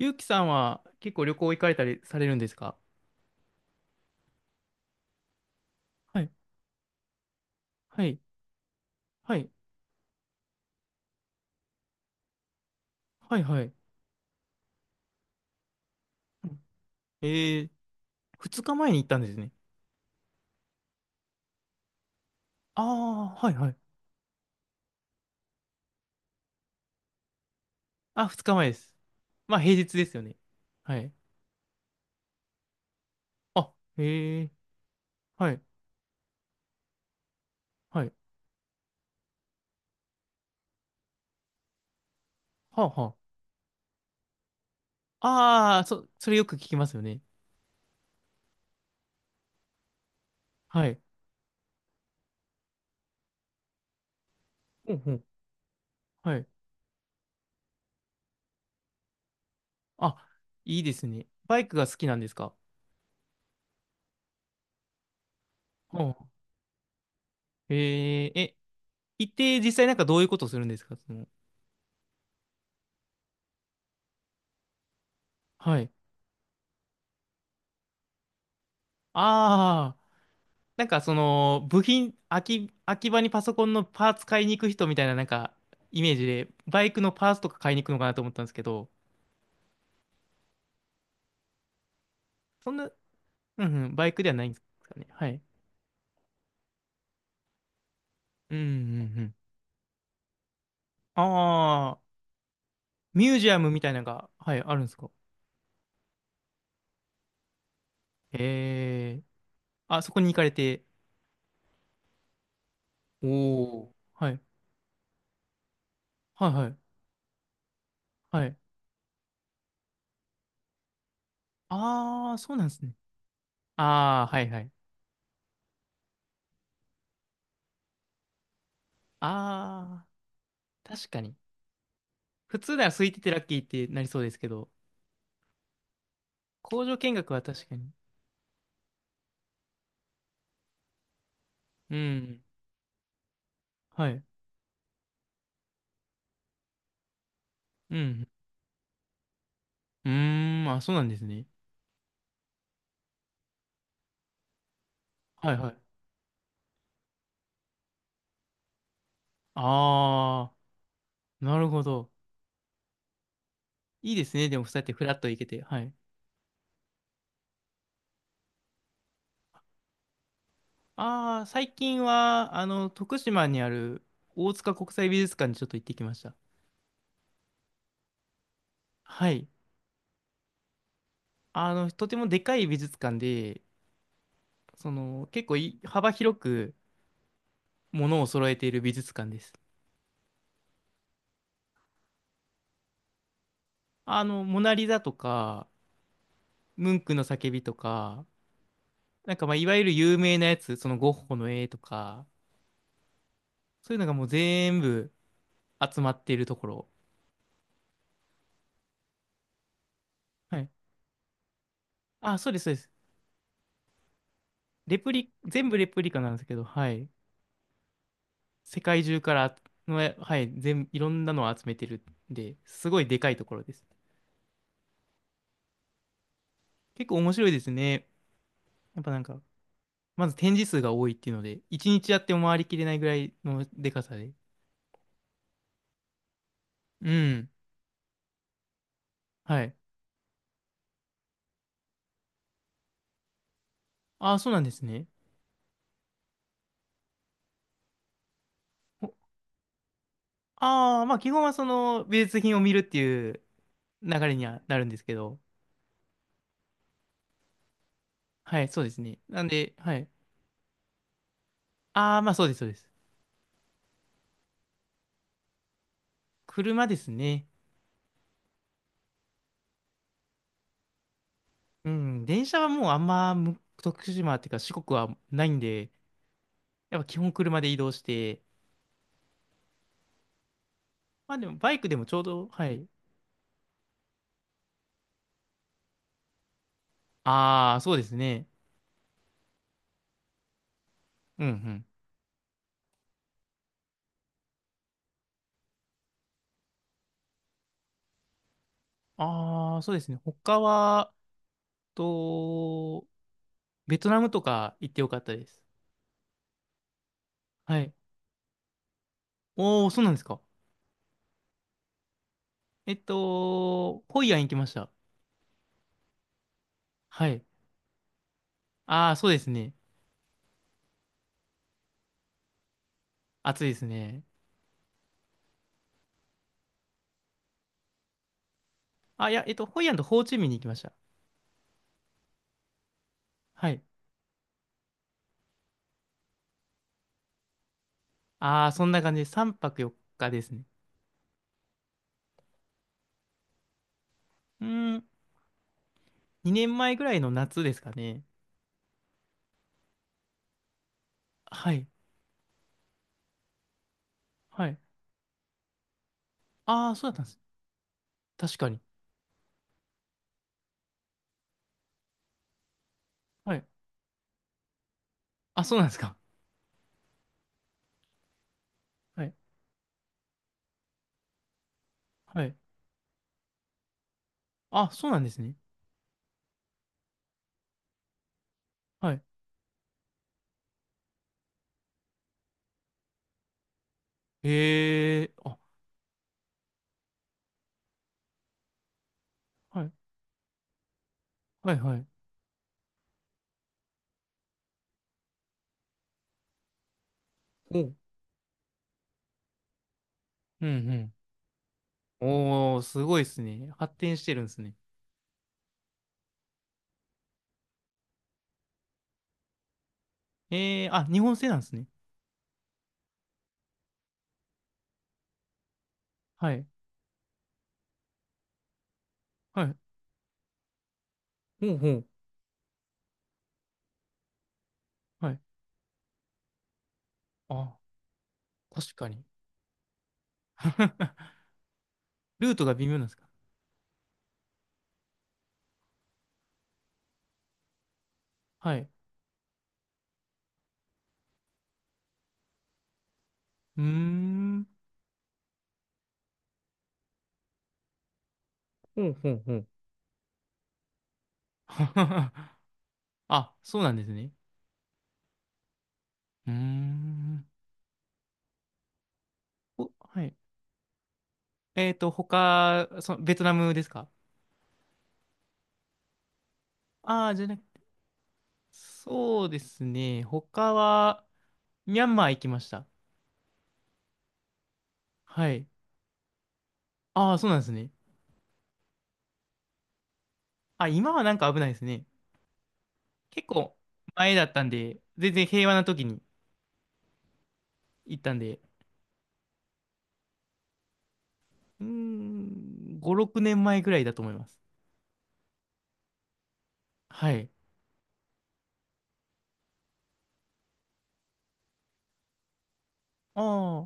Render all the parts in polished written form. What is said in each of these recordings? ゆうきさんは結構旅行行かれたりされるんですか？はい、はい、はい、はい、はい。うん。えー、二日前に行ったんですね。ああ、はい、はい。あ、二日前です。まあ、平日ですよね。はい。あ、へえ、はい、はい。はあ、はあ。ああ、それよく聞きますよね。はい。ほうほう。はい。あ、いいですね。バイクが好きなんですか？ほう。へえ、行って実際なんかどういうことするんですか？はい。ああ。なんかその部品、空き場にパソコンのパーツ買いに行く人みたいななんかイメージで、バイクのパーツとか買いに行くのかなと思ったんですけど、そんな、うんうん、バイクではないんですかね。はい。うんうんうん。ああ、ミュージアムみたいなのが、はい、あるんですか？ええ。あ、そこに行かれて。おー。はい。はいはい。はい。ああ、そうなんですね。ああ、はいはい。ああ、確かに。普通なら空いててラッキーってなりそうですけど、工場見学は確かに。うん。はい。うん。うーん、あ、そうなんですね。はいはい。ああ、なるほど。いいですね。でも、そうやってフラッと行けて。はい。ああ、最近は、あの、徳島にある大塚国際美術館にちょっと行ってきました。はい。あの、とてもでかい美術館で、その、結構幅広くものを揃えている美術館です。あの、モナリザとか、ムンクの叫びとか、なんかまあ、いわゆる有名なやつ、そのゴッホの絵とか、そういうのがもう全部、集まっているところ。はい。あ、そうです、そうです。レプリ、全部レプリカなんですけど、はい。世界中からの、はい、いろんなのを集めてるんで、すごいでかいところです。結構面白いですね。やっぱなんか、まず展示数が多いっていうので、一日やっても回りきれないぐらいのでかさで。うん。はい。ああ、そうなんですね。ああー、まあ基本はその美術品を見るっていう流れにはなるんですけど、はい、そうですね。なんで、はい。ああ、まあそうです、そうです。車ですね。うん、電車はもうあんまむ徳島っていうか四国はないんで、やっぱ基本車で移動して、まあでもバイクでもちょうど、はい。ああ、そうですね。うんうん。ああ、そうですね。他は、と、ベトナムとか行ってよかったです。はい。おー、そうなんですか。ホイアン行きました。はい。ああ、そうですね。暑いですね。あ、いや、ホイアンとホーチミンに行きました。はい。ああ、そんな感じで3泊4日ですね。うーん。2年前ぐらいの夏ですかね。はい。はい。ああ、そうだったんです。確かに。はい。あ、そうなんですか。はい。はい。あ、そうなんですね。はい。へえ、あ、はい。はい、はい。おう。うんうん。おー、すごいですね。発展してるんですね。ええ、あ、日本製なんですね。はい。はい。ほうほう。はい。あ、確かに。ルートが微妙なんですか？はい。うーん。ほうほうほう。あ、そうなんですね。うーん。お、はい。他、その、ベトナムですか？ああー、じゃなく、そうですね。他は、ミャンマー行きました。はい。ああ、そうなんですね。あ、今はなんか危ないですね。結構前だったんで、全然平和な時に行ったんで、うーん、5、6年前ぐらいだと思います。はい。ああ、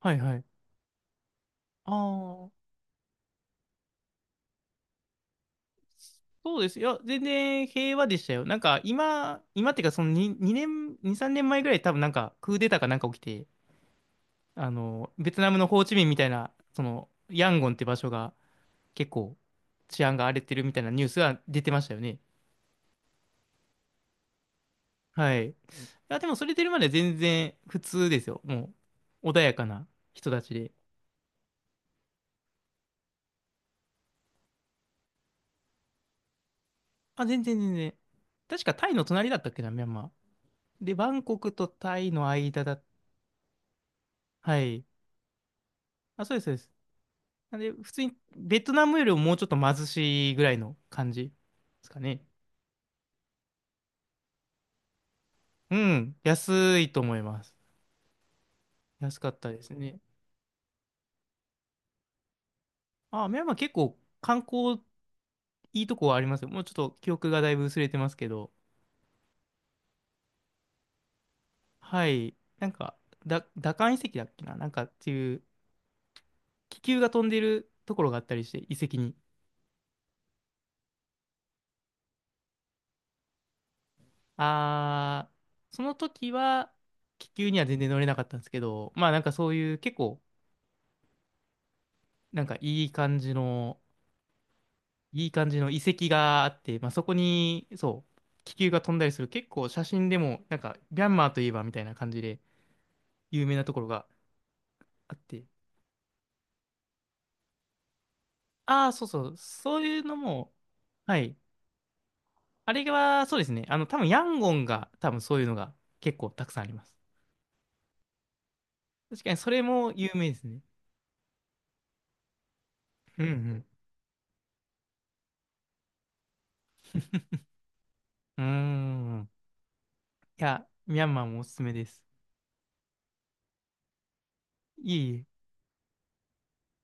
はいはい。ああ、そうですよ。全然平和でしたよ。なんか今っていうかそのに2年、2、3年前ぐらい多分なんかクーデターかなんか起きて、あの、ベトナムのホーチミンみたいな、その、ヤンゴンって場所が結構治安が荒れてるみたいなニュースが出てましたよね。はい。いや、でもそれ出るまで全然普通ですよ。もう、穏やかな人たちで。あ、全然全然。確かタイの隣だったっけな、ミャンマー。で、バンコクとタイの間だ。はい。あ、そうです、そうです。なんで、普通にベトナムよりももうちょっと貧しいぐらいの感じですかね。うん、安いと思います。安かったですね。あ、ミャンマー結構観光いいとこはありますよ。もうちょっと記憶がだいぶ薄れてますけど。はい。なんか、ダカン遺跡だっけななんかっていう、気球が飛んでるところがあったりして、遺跡に。あー、その時は、気球には全然乗れなかったんですけど、まあなんかそういう結構、なんかいい感じの遺跡があって、まあそこに、そう、気球が飛んだりする、結構写真でも、なんか、ミャンマーといえばみたいな感じで有名なところがあって、ああ、そうそう。そういうのも、はい。あれは、そうですね。あの、多分ヤンゴンが、多分そういうのが結構たくさんあります。確かに、それも有名ですね。うんうん。うーん。いや、ミャンマーもおすすめです。いえいえ。